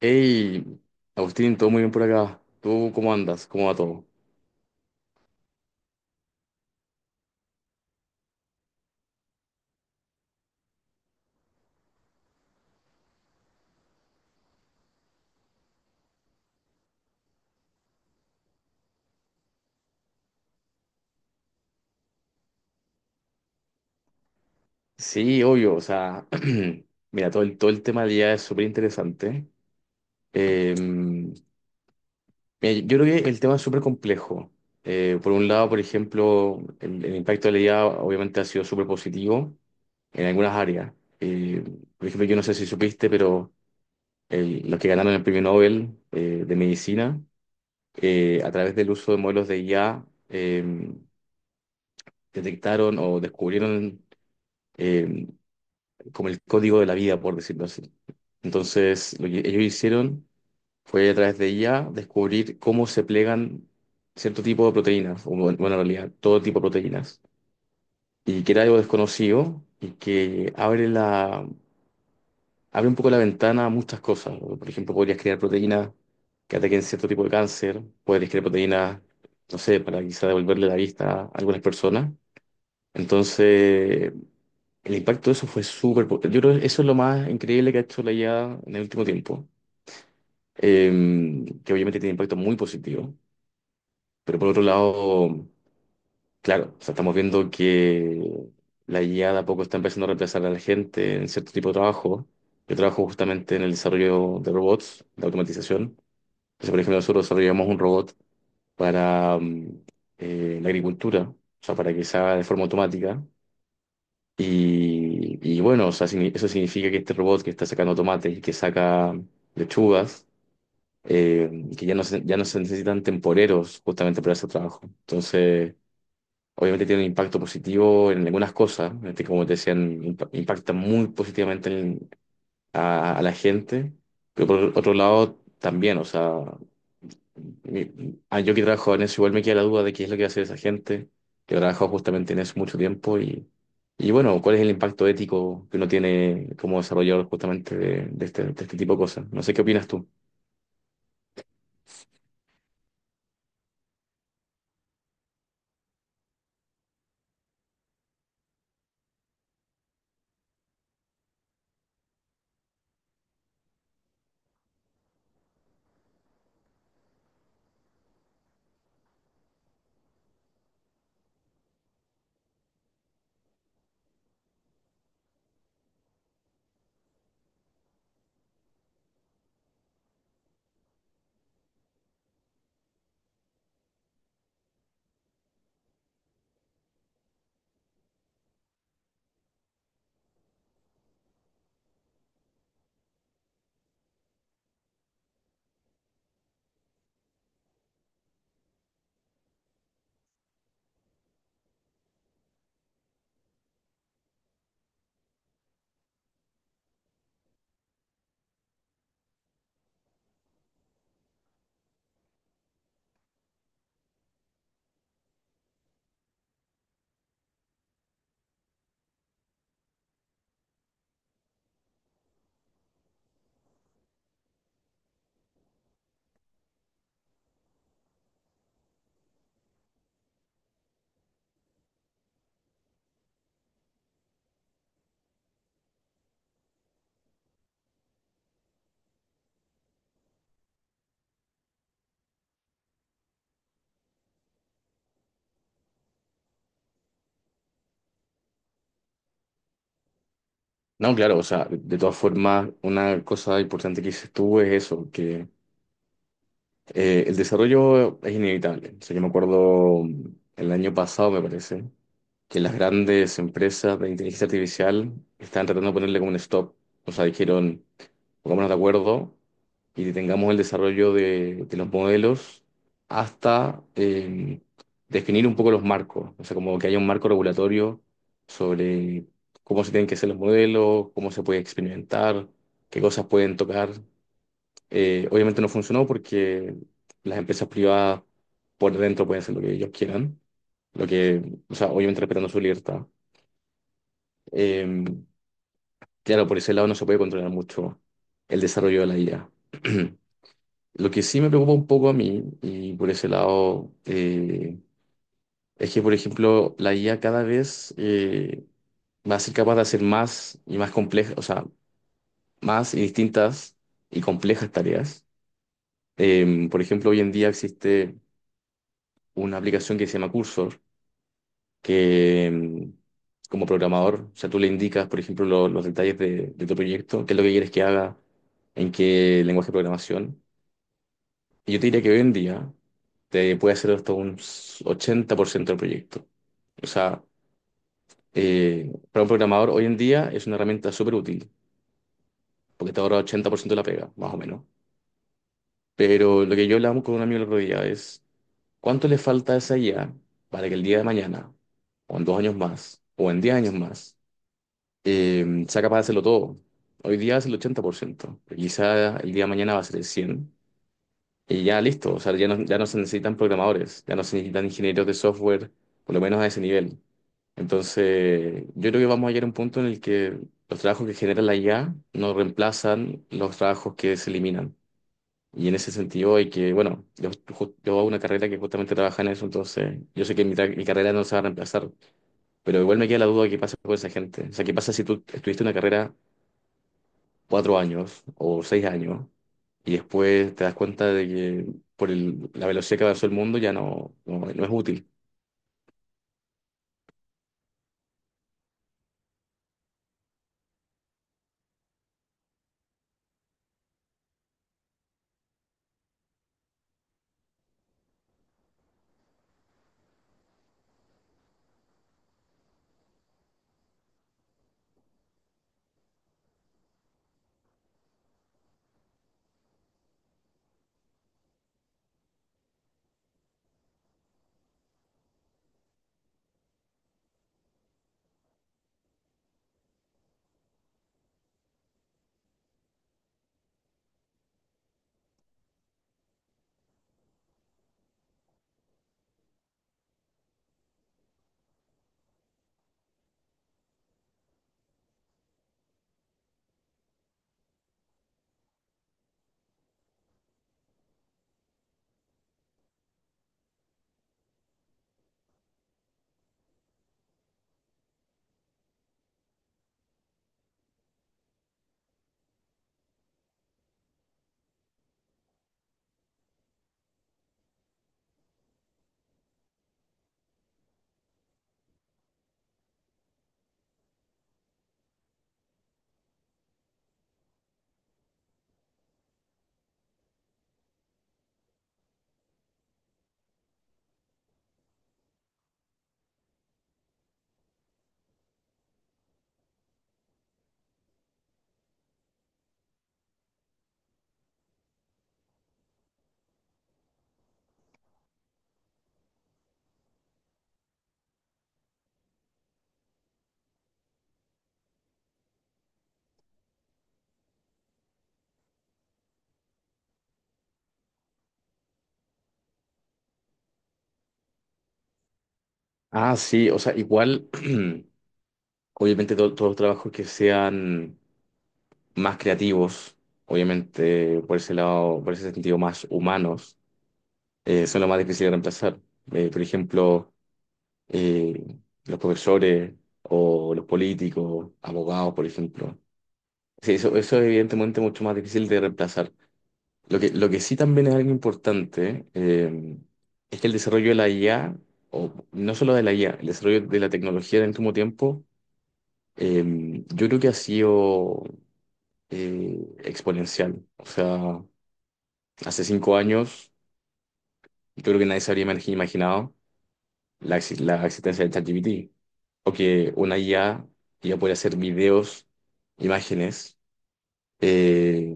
Hey, Agustín, todo muy bien por acá. ¿Tú cómo andas? ¿Cómo va todo? Sí, obvio, o sea, mira, todo el tema del IA es súper interesante. Mira, yo creo que el tema es súper complejo. Por un lado, por ejemplo, el impacto de la IA obviamente ha sido súper positivo en algunas áreas. Eh, por ejemplo, yo no sé si supiste, pero los que ganaron el premio Nobel de medicina, a través del uso de modelos de IA, detectaron o descubrieron eh, como el código de la vida, por decirlo así. Entonces, lo que ellos hicieron fue a través de ella descubrir cómo se plegan cierto tipo de proteínas, o bueno, en realidad todo tipo de proteínas, y que era algo desconocido y que abre abre un poco la ventana a muchas cosas. Por ejemplo, podrías crear proteínas que ataquen cierto tipo de cáncer, podrías crear proteínas, no sé, para quizá devolverle la vista a algunas personas. Entonces, el impacto de eso fue yo creo que eso es lo más increíble que ha hecho la IA en el último tiempo, eh, que obviamente tiene impacto muy positivo, pero por otro lado, claro, o sea, estamos viendo que la IA de a poco está empezando a reemplazar a la gente en cierto tipo de trabajo. Yo trabajo justamente en el desarrollo de robots, de automatización. Entonces, por ejemplo, nosotros desarrollamos un robot para la agricultura, o sea, para que se haga de forma automática. Y bueno, o sea, eso significa que este robot que está sacando tomates y que saca lechugas, eh, que ya no se necesitan temporeros justamente para ese trabajo. Entonces, obviamente tiene un impacto positivo en algunas cosas, este, como te decían, impacta muy positivamente a la gente, pero por otro lado también, o sea, yo que trabajo en eso, igual me queda la duda de qué es lo que hace esa gente, que trabaja justamente en eso mucho tiempo y bueno, cuál es el impacto ético que uno tiene como desarrollador justamente de este tipo de cosas. No sé qué opinas tú. No, claro, o sea, de todas formas, una cosa importante que dices tú es eso, que el desarrollo es inevitable. O sea, yo me acuerdo el año pasado, me parece, que las grandes empresas de inteligencia artificial estaban tratando de ponerle como un stop. O sea, dijeron, pongámonos de acuerdo y tengamos el desarrollo de los modelos hasta definir un poco los marcos, o sea, como que haya un marco regulatorio sobre cómo se tienen que hacer los modelos, cómo se puede experimentar, qué cosas pueden tocar. Obviamente no funcionó porque las empresas privadas por dentro pueden hacer lo que ellos quieran, lo que, o sea, obviamente respetando su libertad. Eh, claro, por ese lado no se puede controlar mucho el desarrollo de la IA. Lo que sí me preocupa un poco a mí, y por ese lado, es que, por ejemplo, la IA cada vez va a ser capaz de hacer más y más complejas, o sea, más y distintas y complejas tareas. Por ejemplo, hoy en día existe una aplicación que se llama Cursor, que como programador, o sea, tú le indicas, por ejemplo, los detalles de tu proyecto, qué es lo que quieres que haga, en qué lenguaje de programación. Yo te diría que hoy en día te puede hacer hasta un 80% del proyecto. O sea, para un programador hoy en día es una herramienta súper útil, porque te ahorra 80% de la pega, más o menos. Pero lo que yo hablamos con un amigo el otro día es, ¿cuánto le falta a esa IA para que el día de mañana, o en 2 años más, o en 10 años más, sea capaz de hacerlo todo? Hoy día es el 80%, pero quizá el día de mañana va a ser el 100, y ya listo, o sea, ya no se necesitan programadores, ya no se necesitan ingenieros de software, por lo menos a ese nivel. Entonces, yo creo que vamos a llegar a un punto en el que los trabajos que genera la IA no reemplazan los trabajos que se eliminan. Y en ese sentido hay que, bueno, yo hago una carrera que justamente trabaja en eso, entonces yo sé que mi carrera no se va a reemplazar, pero igual me queda la duda de qué pasa con esa gente. O sea, ¿qué pasa si tú estuviste una carrera 4 años o 6 años y después te das cuenta de que por la velocidad que avanzó el mundo ya no es útil. Ah, sí, o sea, igual, obviamente todos los trabajos que sean más creativos, obviamente por ese lado, por ese sentido más humanos, son los más difíciles de reemplazar. Por ejemplo, eh, los profesores o los políticos, abogados, por ejemplo. Sí, eso es evidentemente mucho más difícil de reemplazar. Lo que sí también es algo importante es que el desarrollo de la IA, o no solo de la IA, el desarrollo de la tecnología en el último tiempo, yo creo que ha sido exponencial. O sea, hace 5 años yo creo que nadie se habría imaginado la existencia de ChatGPT, o que una IA ya puede hacer videos, imágenes eh,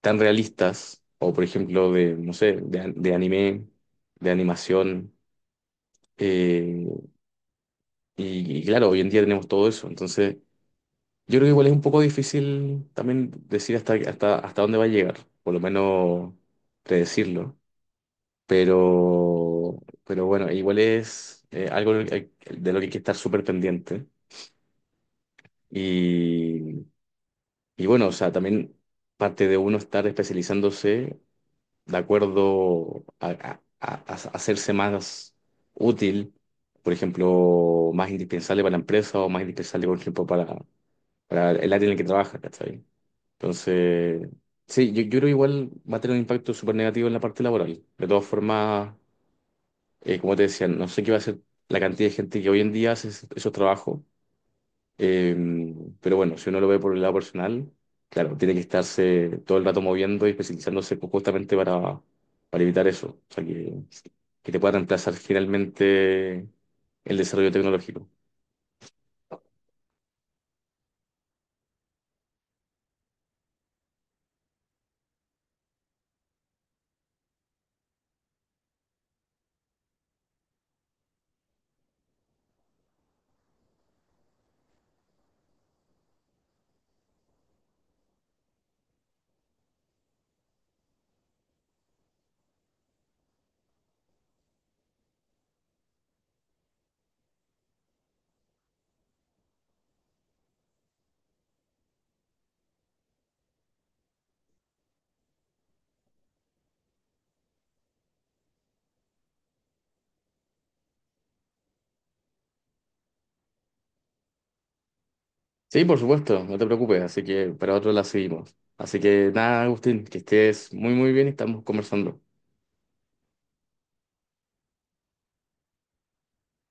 tan realistas, o por ejemplo de, no sé, de anime, de animación. Eh, y, y claro, hoy en día tenemos todo eso. Entonces, yo creo que igual es un poco difícil también decir hasta dónde va a llegar, por lo menos predecirlo. Pero, pero bueno, igual es algo de lo que hay que estar súper pendiente. Y, y bueno, o sea, también parte de uno estar especializándose de acuerdo a, a hacerse más útil, por ejemplo, más indispensable para la empresa o más indispensable, por ejemplo, para el área en el que trabaja, ¿cachai? Entonces, sí, yo creo que igual va a tener un impacto súper negativo en la parte laboral. De todas formas, como te decía, no sé qué va a ser la cantidad de gente que hoy en día hace esos trabajos, eh, pero bueno, si uno lo ve por el lado personal, claro, tiene que estarse todo el rato moviendo y especializándose justamente para evitar eso, o sea, que te pueda reemplazar finalmente el desarrollo tecnológico. Sí, por supuesto, no te preocupes, así que para otro la seguimos. Así que nada, Agustín, que estés muy muy bien y estamos conversando.